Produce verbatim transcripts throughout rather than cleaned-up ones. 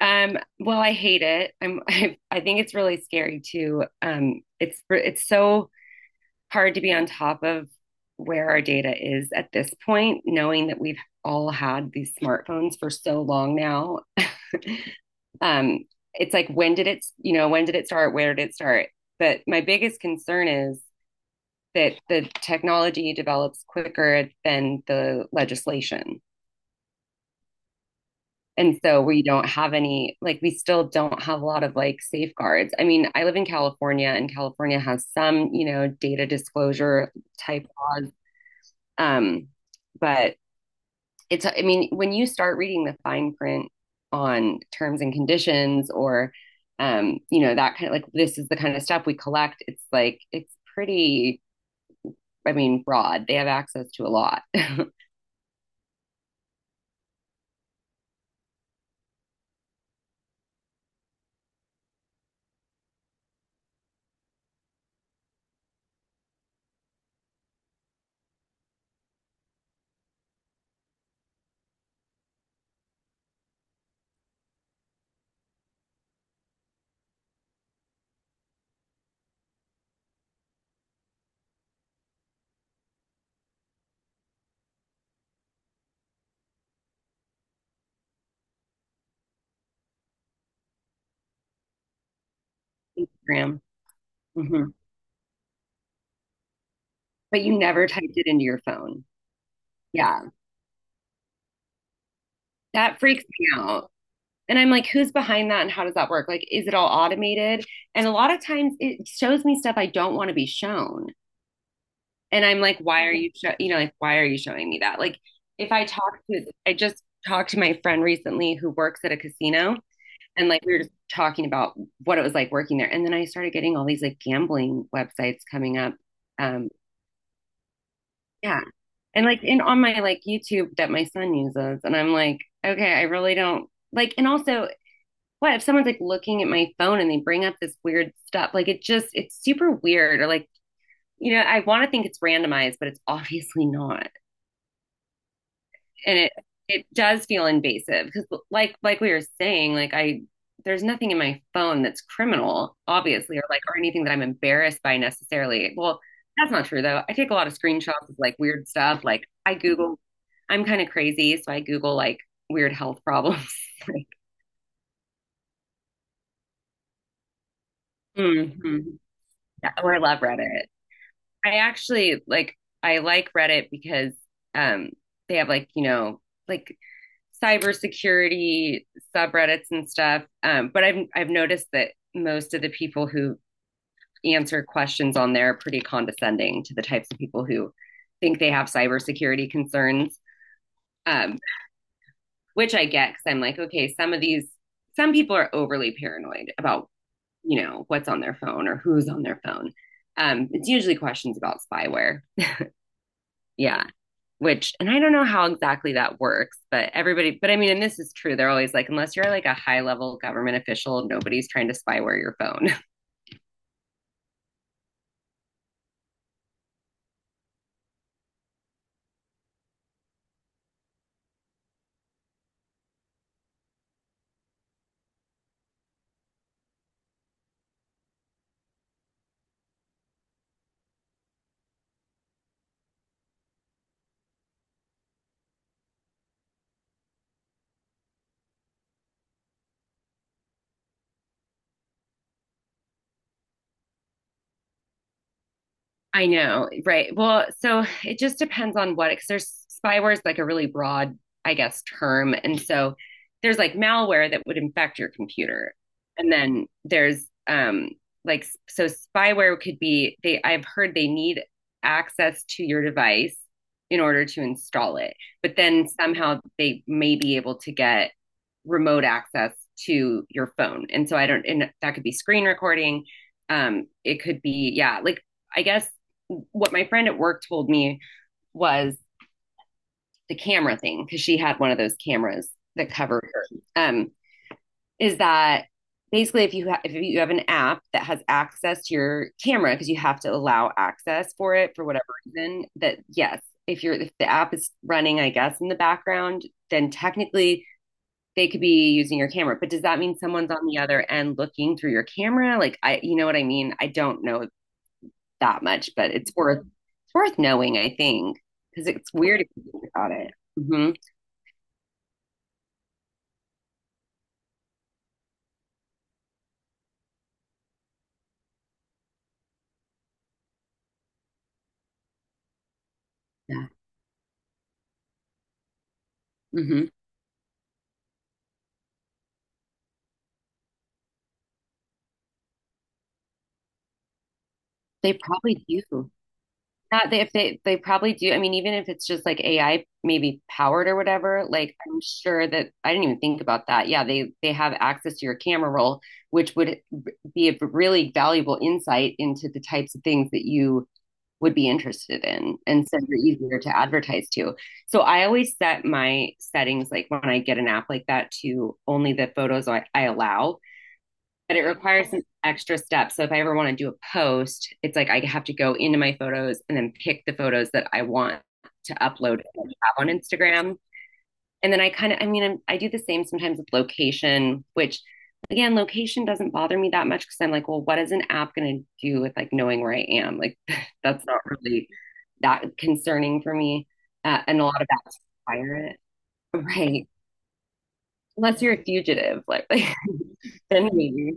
Um, well, I hate it. I'm, I, I think it's really scary too. Um, it's it's so hard to be on top of where our data is at this point, knowing that we've all had these smartphones for so long now. Um, it's like when did it, you know, when did it start? Where did it start? But my biggest concern is that the technology develops quicker than the legislation. And so we don't have any, like, we still don't have a lot of like safeguards. I mean, I live in California, and California has some, you know, data disclosure type laws. Um, but it's, I mean, when you start reading the fine print on terms and conditions or, um, you know, that kind of like, this is the kind of stuff we collect, it's like, it's pretty, I mean, broad. They have access to a lot. Graham. Mhm. But you never typed it into your phone. Yeah. That freaks me out. And I'm like, who's behind that, and how does that work? Like, is it all automated? And a lot of times it shows me stuff I don't want to be shown. And I'm like, why are you, show- you know, like, why are you showing me that? Like, if I talk to, I just talked to my friend recently who works at a casino, and like we were just talking about what it was like working there. And then I started getting all these like gambling websites coming up. Um, yeah. And like in on my like YouTube that my son uses. And I'm like, okay, I really don't like, and also, what if someone's like looking at my phone and they bring up this weird stuff? Like, it just, it's super weird. Or like, you know, I want to think it's randomized, but it's obviously not. And it it does feel invasive because, like like we were saying, like I there's nothing in my phone that's criminal, obviously, or like, or anything that I'm embarrassed by necessarily. Well, that's not true though. I take a lot of screenshots of like weird stuff. Like I Google I'm kind of crazy, so I Google like weird health problems. Like, mm-hmm. Yeah, or I love Reddit. I actually like I like Reddit because um they have like, you know, like cybersecurity subreddits and stuff. Um, but I've I've noticed that most of the people who answer questions on there are pretty condescending to the types of people who think they have cybersecurity concerns. Um, which I get, because I'm like, okay, some of these some people are overly paranoid about, you know, what's on their phone or who's on their phone. Um, it's usually questions about spyware. Yeah. which and I don't know how exactly that works, but everybody but I mean, and this is true. They're always like, unless you're like a high level government official, nobody's trying to spyware your phone. I know, right. Well, so it just depends on what, because there's spyware is like a really broad, I guess, term. And so there's like malware that would infect your computer. And then there's, um like, so spyware could be, they, I've heard they need access to your device in order to install it. But then somehow they may be able to get remote access to your phone. And so, I don't, and that could be screen recording. Um, it could be, yeah, like, I guess what my friend at work told me was the camera thing, because she had one of those cameras that covered her. Um, is that basically, if you ha- if you have an app that has access to your camera, because you have to allow access for it for whatever reason, that yes, if you're if the app is running, I guess, in the background, then technically they could be using your camera. But does that mean someone's on the other end looking through your camera? Like I You know what I mean? I don't know that much, but it's worth it's worth knowing, I think, because it's weird if you think about it. Hmm. Yeah. Hmm. They probably do. Not they if they they probably do. I mean, even if it's just like A I maybe powered or whatever, like, I'm sure that I didn't even think about that. Yeah, they they have access to your camera roll, which would b- be a really valuable insight into the types of things that you would be interested in, and so they're easier to advertise to. So I always set my settings like when I get an app like that to only the photos I, I allow, but it requires some extra steps. So if I ever want to do a post, it's like I have to go into my photos and then pick the photos that I want to upload and have on Instagram. And then I kind of, I mean, I'm, I do the same sometimes with location, which, again, location doesn't bother me that much, because I'm like, well, what is an app going to do with like knowing where I am? Like, that's not really that concerning for me. Uh, and a lot of apps require it. Right. Unless you're a fugitive, like, then maybe.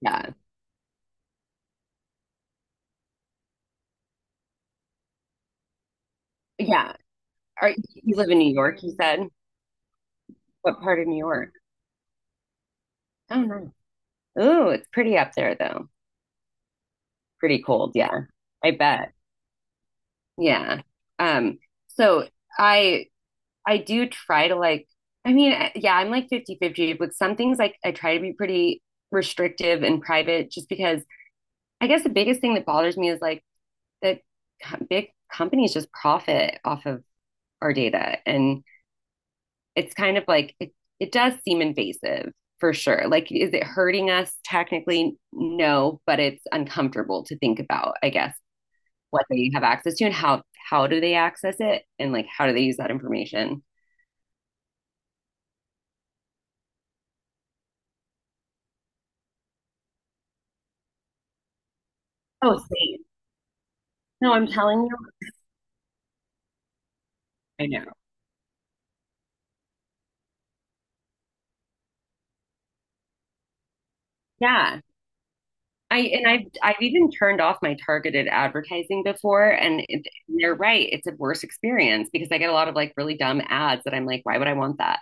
Yeah. Yeah. Are, you live in New York, you said? What part of New York? Oh, no. Oh, it's pretty up there though. Pretty cold. Yeah. I bet. Yeah. Um, so I I do try to, like, I mean, I- yeah, I'm like fifty fifty. 50 with some things, like I try to be pretty restrictive and private, just because I guess the biggest thing that bothers me is like that, co- big companies just profit off of our data, and it's kind of like, it it does seem invasive for sure. Like, is it hurting us? Technically, no, but it's uncomfortable to think about, I guess, what they have access to, and how how do they access it, and like how do they use that information. Oh, same. No, I'm telling you. I know. Yeah. I and I've I've even turned off my targeted advertising before, and it, they're right. It's a worse experience, because I get a lot of like really dumb ads that I'm like, why would I want that?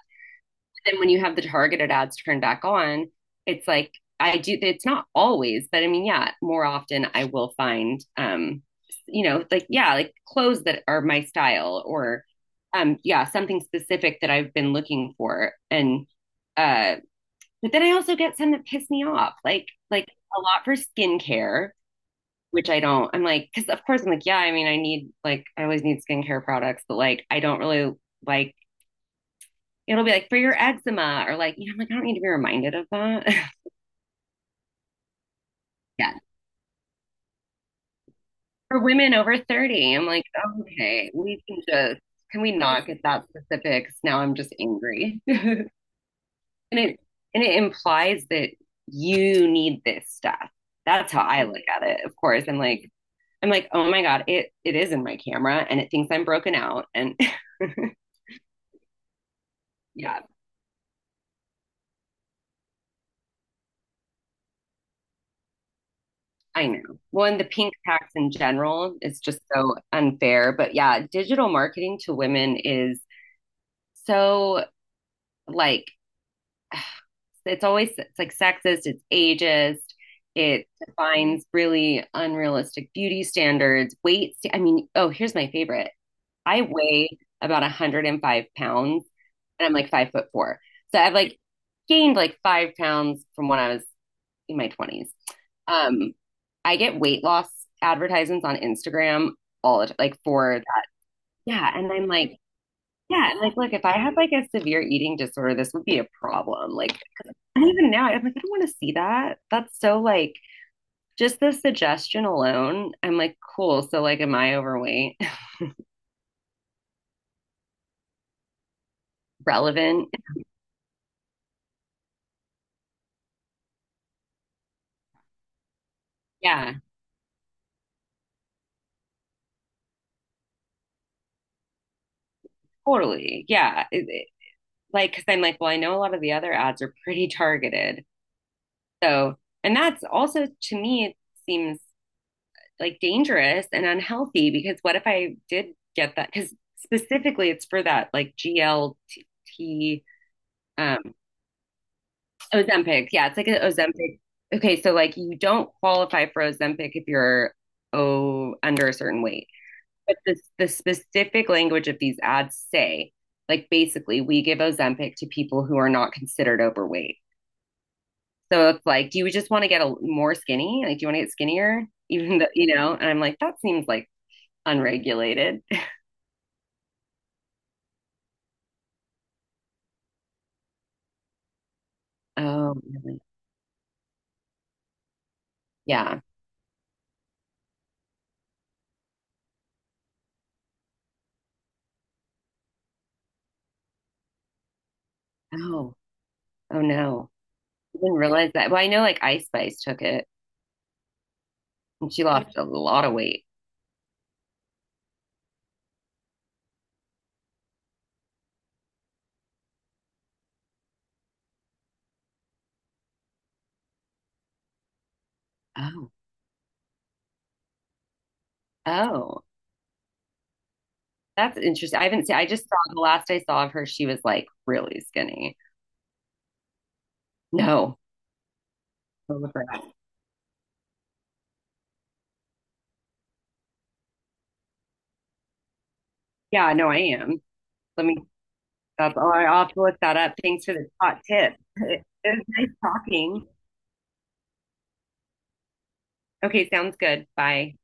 Then when you have the targeted ads turned back on, it's like, I do. It's not always, but I mean, yeah, more often I will find, um, you know, like, yeah, like clothes that are my style, or um, yeah, something specific that I've been looking for, and uh, but then I also get some that piss me off, like, like a lot for skincare, which I don't. I'm like, because, of course, I'm like, yeah, I mean, I need like, I always need skincare products, but like I don't really like, it'll be like for your eczema, or like, you know, I'm like, I don't need to be reminded of that. Yeah. For women over thirty, I'm like, okay, we can just, can we not get that specifics? Now I'm just angry. And it, and it implies that you need this stuff. That's how I look at it. Of course, I'm like, I'm like, oh my God, it, it is in my camera and it thinks I'm broken out. And yeah, I know. Well, and the pink tax in general is just so unfair. But yeah, digital marketing to women is so, like, it's always it's like sexist, it's ageist, it defines really unrealistic beauty standards, weight. sta- I mean, oh, here's my favorite. I weigh about one hundred five pounds and I'm like five foot four. So I've like gained like five pounds from when I was in my twenties. Um, I get weight loss advertisements on Instagram all the time, like for that. Yeah. And I'm like, yeah, and like, look, if I had like a severe eating disorder, this would be a problem. Like. And even now, I'm like, I don't want to see that. That's so like just the suggestion alone. I'm like, cool. So like, am I overweight? Relevant? Yeah, totally. Yeah. It- it- like, because I'm like, well, I know a lot of the other ads are pretty targeted. So, and that's also, to me, it seems like dangerous and unhealthy, because what if I did get that? Because, specifically, it's for that like G L T, um, Ozempic. Yeah, it's like an Ozempic. Okay, so like, you don't qualify for Ozempic if you're, oh, under a certain weight. But the the specific language of these ads say, like, basically, we give Ozempic to people who are not considered overweight. So it's like, do you just want to get a more skinny? Like, do you want to get skinnier? Even though, you know, and I'm like, that seems like unregulated. Oh, really? Yeah. Oh, oh no. I didn't realize that. Well, I know like Ice Spice took it, and she lost a lot of weight. Oh. Oh, that's interesting. I haven't seen, I just saw, the last I saw of her, she was like really skinny. No. Over her. Yeah, no, I am. Let me, that's all. I'll have to look that up. Thanks for the hot tip. It was nice talking. Okay, sounds good. Bye.